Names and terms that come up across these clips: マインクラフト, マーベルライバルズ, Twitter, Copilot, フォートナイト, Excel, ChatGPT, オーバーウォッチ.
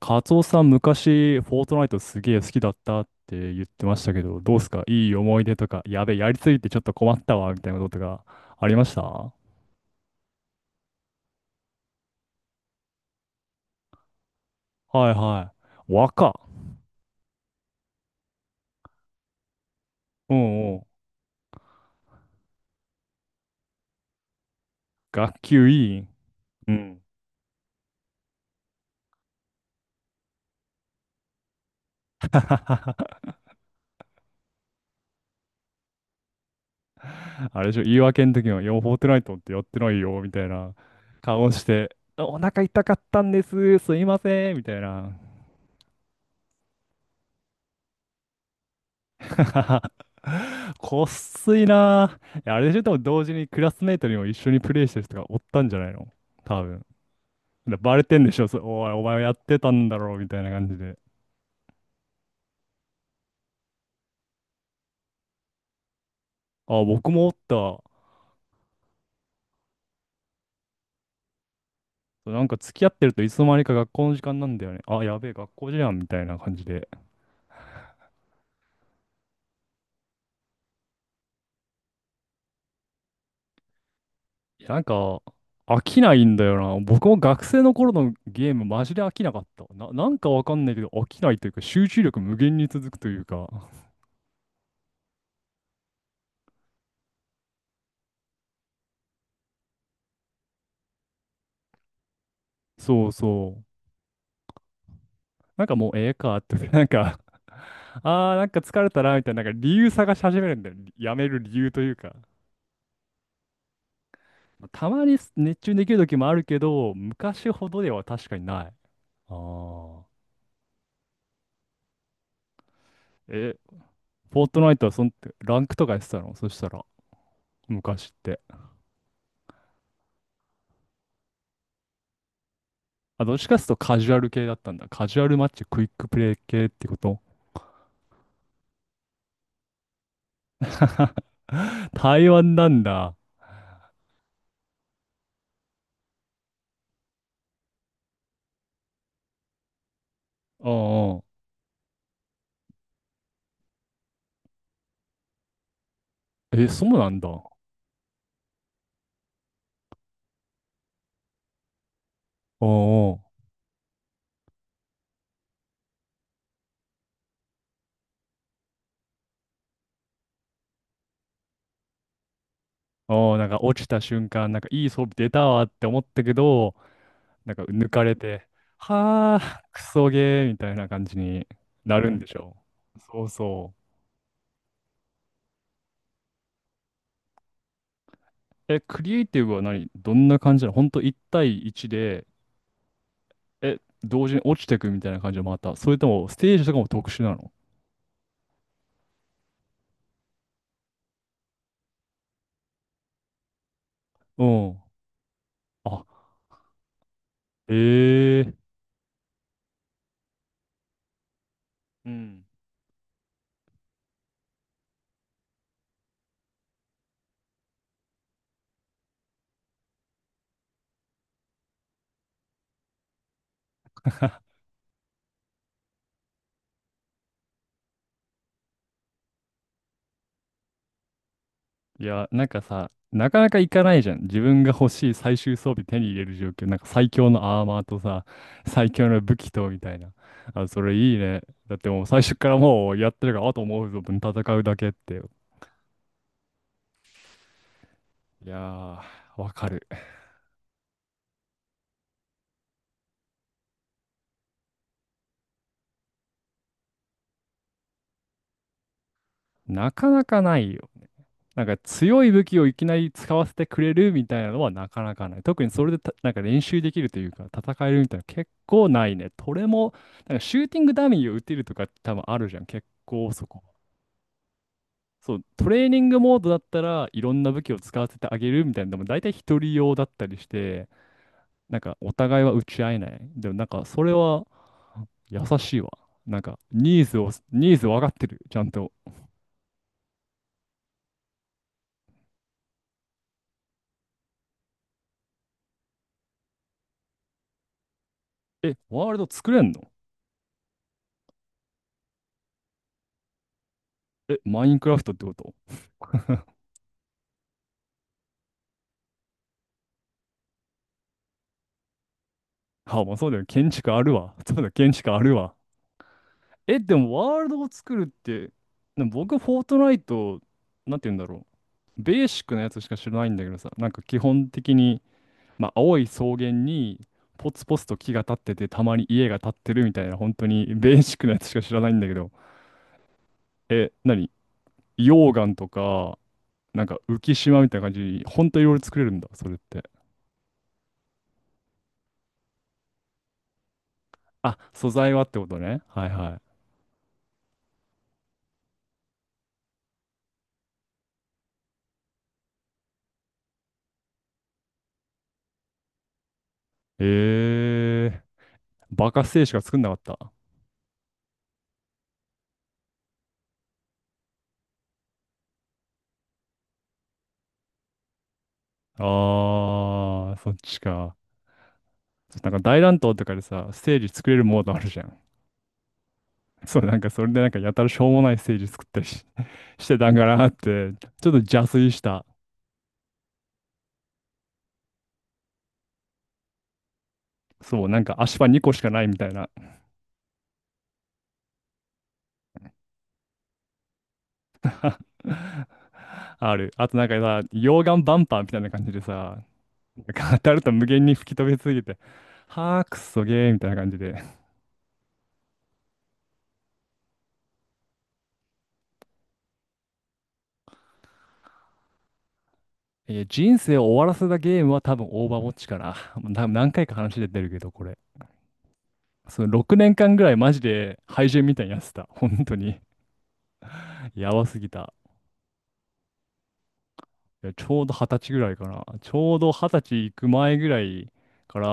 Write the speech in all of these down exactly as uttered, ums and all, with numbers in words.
カツオさん、昔、フォートナイトすげえ好きだったって言ってましたけど、どうすか？いい思い出とか、やべえ、やりすぎてちょっと困ったわ、みたいなことがありましたは？いはい。若。うんうん。学級委員。うん。あれでしょ、言い訳の時は、いや、フォートナイトってやってないよ、みたいな顔して、お腹痛かったんです、すいません、みたいな。こっすいなぁ。いやあれでしょ、でも同時にクラスメイトにも一緒にプレイしてる人がおったんじゃないの？多分。でバレてんでしょ、そおい、お前はやってたんだろうみたいな感じで。あ、僕もおった。なんか付き合ってるといつの間にか学校の時間なんだよね。あ、やべえ、学校じゃんみたいな感じで。いや、なんか、飽きないんだよな。僕も学生の頃のゲームマジで飽きなかった。な、なんかわかんないけど飽きないというか集中力無限に続くというか。そうそう。なんかもうええかって、なんかあー、なんか疲れたな、みたいな、なんか理由探し始めるんだよ。やめる理由というか。まあたまに熱中できる時もあるけど、昔ほどでは確かにない。ああ。え、フォートナイトはそん、ランクとかやってたのそしたら、昔って？あ、どっちかっていうとカジュアル系だったんだ。カジュアルマッチ、クイックプレイ系ってこと？ 台湾なんだ。うんうん。え、そうなんだ。うんうん。うんなんか落ちた瞬間、なんかいい装備出たわって思ったけど、なんか抜かれて、はあ、クソゲーみたいな感じになるんでしょう。そうそう。え、クリエイティブは何どんな感じなの？本当いち対いちで、え、同時に落ちてくみたいな感じで回った？それともステージとかも特殊なの？うん。あ、ええうん。いや、なんかさ、なかなかいかないじゃん。自分が欲しい最終装備手に入れる状況。なんか最強のアーマーとさ、最強の武器とみたいな。あ、それいいね。だってもう最初からもうやってるから、あともう存分戦うだけって。いやー、わかる。なかなかないよ。なんか強い武器をいきなり使わせてくれるみたいなのはなかなかない。特にそれでたなんか練習できるというか、戦えるみたいな結構ないね。これも、なんかシューティングダミーを打てるとか多分あるじゃん。結構そこ。そう、トレーニングモードだったらいろんな武器を使わせてあげるみたいなでも大体一人用だったりして、なんかお互いは打ち合えない。でもなんかそれは優しいわ。なんかニーズを、ニーズ分かってる。ちゃんと。え、ワールド作れんの？え、マインクラフトってこと？あ、まあそうだよ。建築あるわ。そうだ、建築あるわ。え、でもワールドを作るって、でも僕、フォートナイト、なんて言うんだろう。ベーシックなやつしか知らないんだけどさ、なんか基本的に、まあ、青い草原にポツポツと木が立っててたまに家が建ってるみたいな本当にベーシックなやつしか知らないんだけど、え何？溶岩とかなんか浮島みたいな感じに本当いろいろ作れるんだ、それって？あ、素材はってことね。はいはい。えー、バカステージしか作んなかった？あー、そっちか。なんか大乱闘とかでさステージ作れるモードあるじゃん。 そうなんかそれでなんかやたらしょうもないステージ作ったりし、してたんかなってちょっと邪推した。そう、なんか足場にこしかないみたいな。 ある。あとなんかさ、溶岩バンパーみたいな感じでさ、なんか当たると無限に吹き飛びすぎて、はあ、くっそゲーみたいな感じで。えー人生を終わらせたゲームは多分オーバーウォッチかな。もう多分何回か話出てるけど、これ。そのろくねんかんぐらいマジで廃人みたいにやってた。本当に。やばすぎた。いや、ちょうど二十歳ぐらいかな。ちょうど二十歳行く前ぐらいから、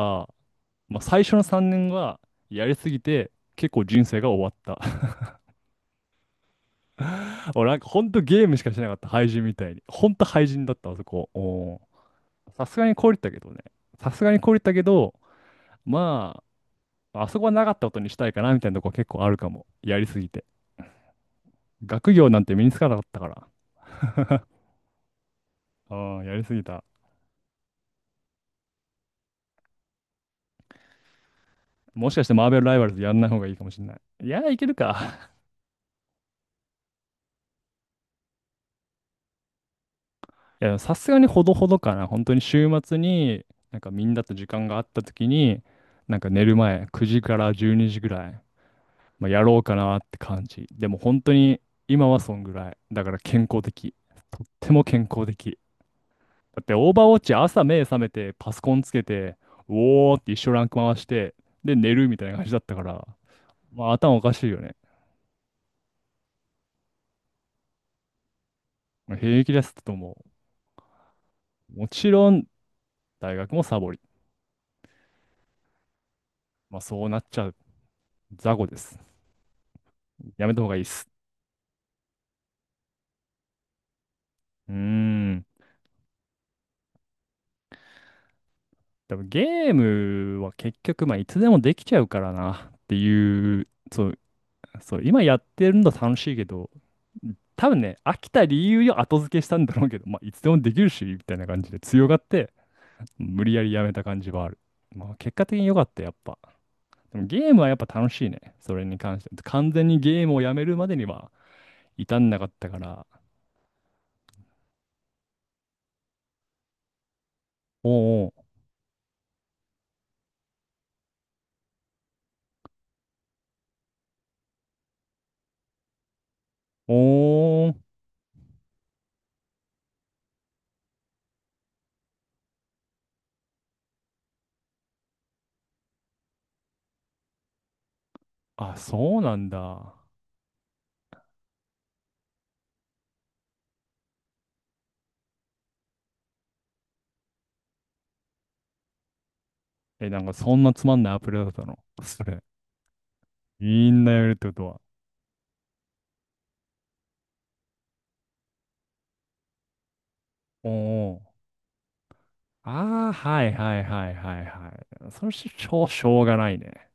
まあ、最初のさんねんはやりすぎて、結構人生が終わった。俺なんかほんとゲームしかしなかった、廃人みたいに。ほんと廃人だった、あそこ。おー、さすがに凍りったけどね。さすがに凍りったけど、まあ、あそこはなかったことにしたいかなみたいなとこ結構あるかも。やりすぎて。学業なんて身につかなかったから。うん、やりすぎた。もしかしてマーベルライバルズやんない方がいいかもしれない。いや、いけるか。いや、さすがにほどほどかな。本当に週末に、なんかみんなと時間があった時に、なんか寝る前、くじからじゅうにじぐらい、まあ、やろうかなって感じ。でも本当に今はそんぐらい。だから健康的。とっても健康的。だってオーバーウォッチ朝目覚めてパソコンつけて、うおーって一生ランク回して、で寝るみたいな感じだったから、まあ頭おかしいよね。まあ平気ですってともう。もちろん大学もサボり。まあそうなっちゃう。雑魚です。やめた方がいいっす。うーん。でもゲームは結局まあいつでもできちゃうからなっていう、そう、そう、今やってるの楽しいけど、多分ね、飽きた理由を後付けしたんだろうけど、まあ、いつでもできるし、みたいな感じで強がって、無理やりやめた感じはある。まあ、結果的に良かった、やっぱ。でもゲームはやっぱ楽しいね。それに関して。完全にゲームをやめるまでには至んなかったから。おーおー、おー、あ、そうなんだ。え、なんかそんなつまんないアプリだったの。それ。みんなやめるってことは。おーおーああ、はいはいはいはいはい。それしょ、しょうがないね。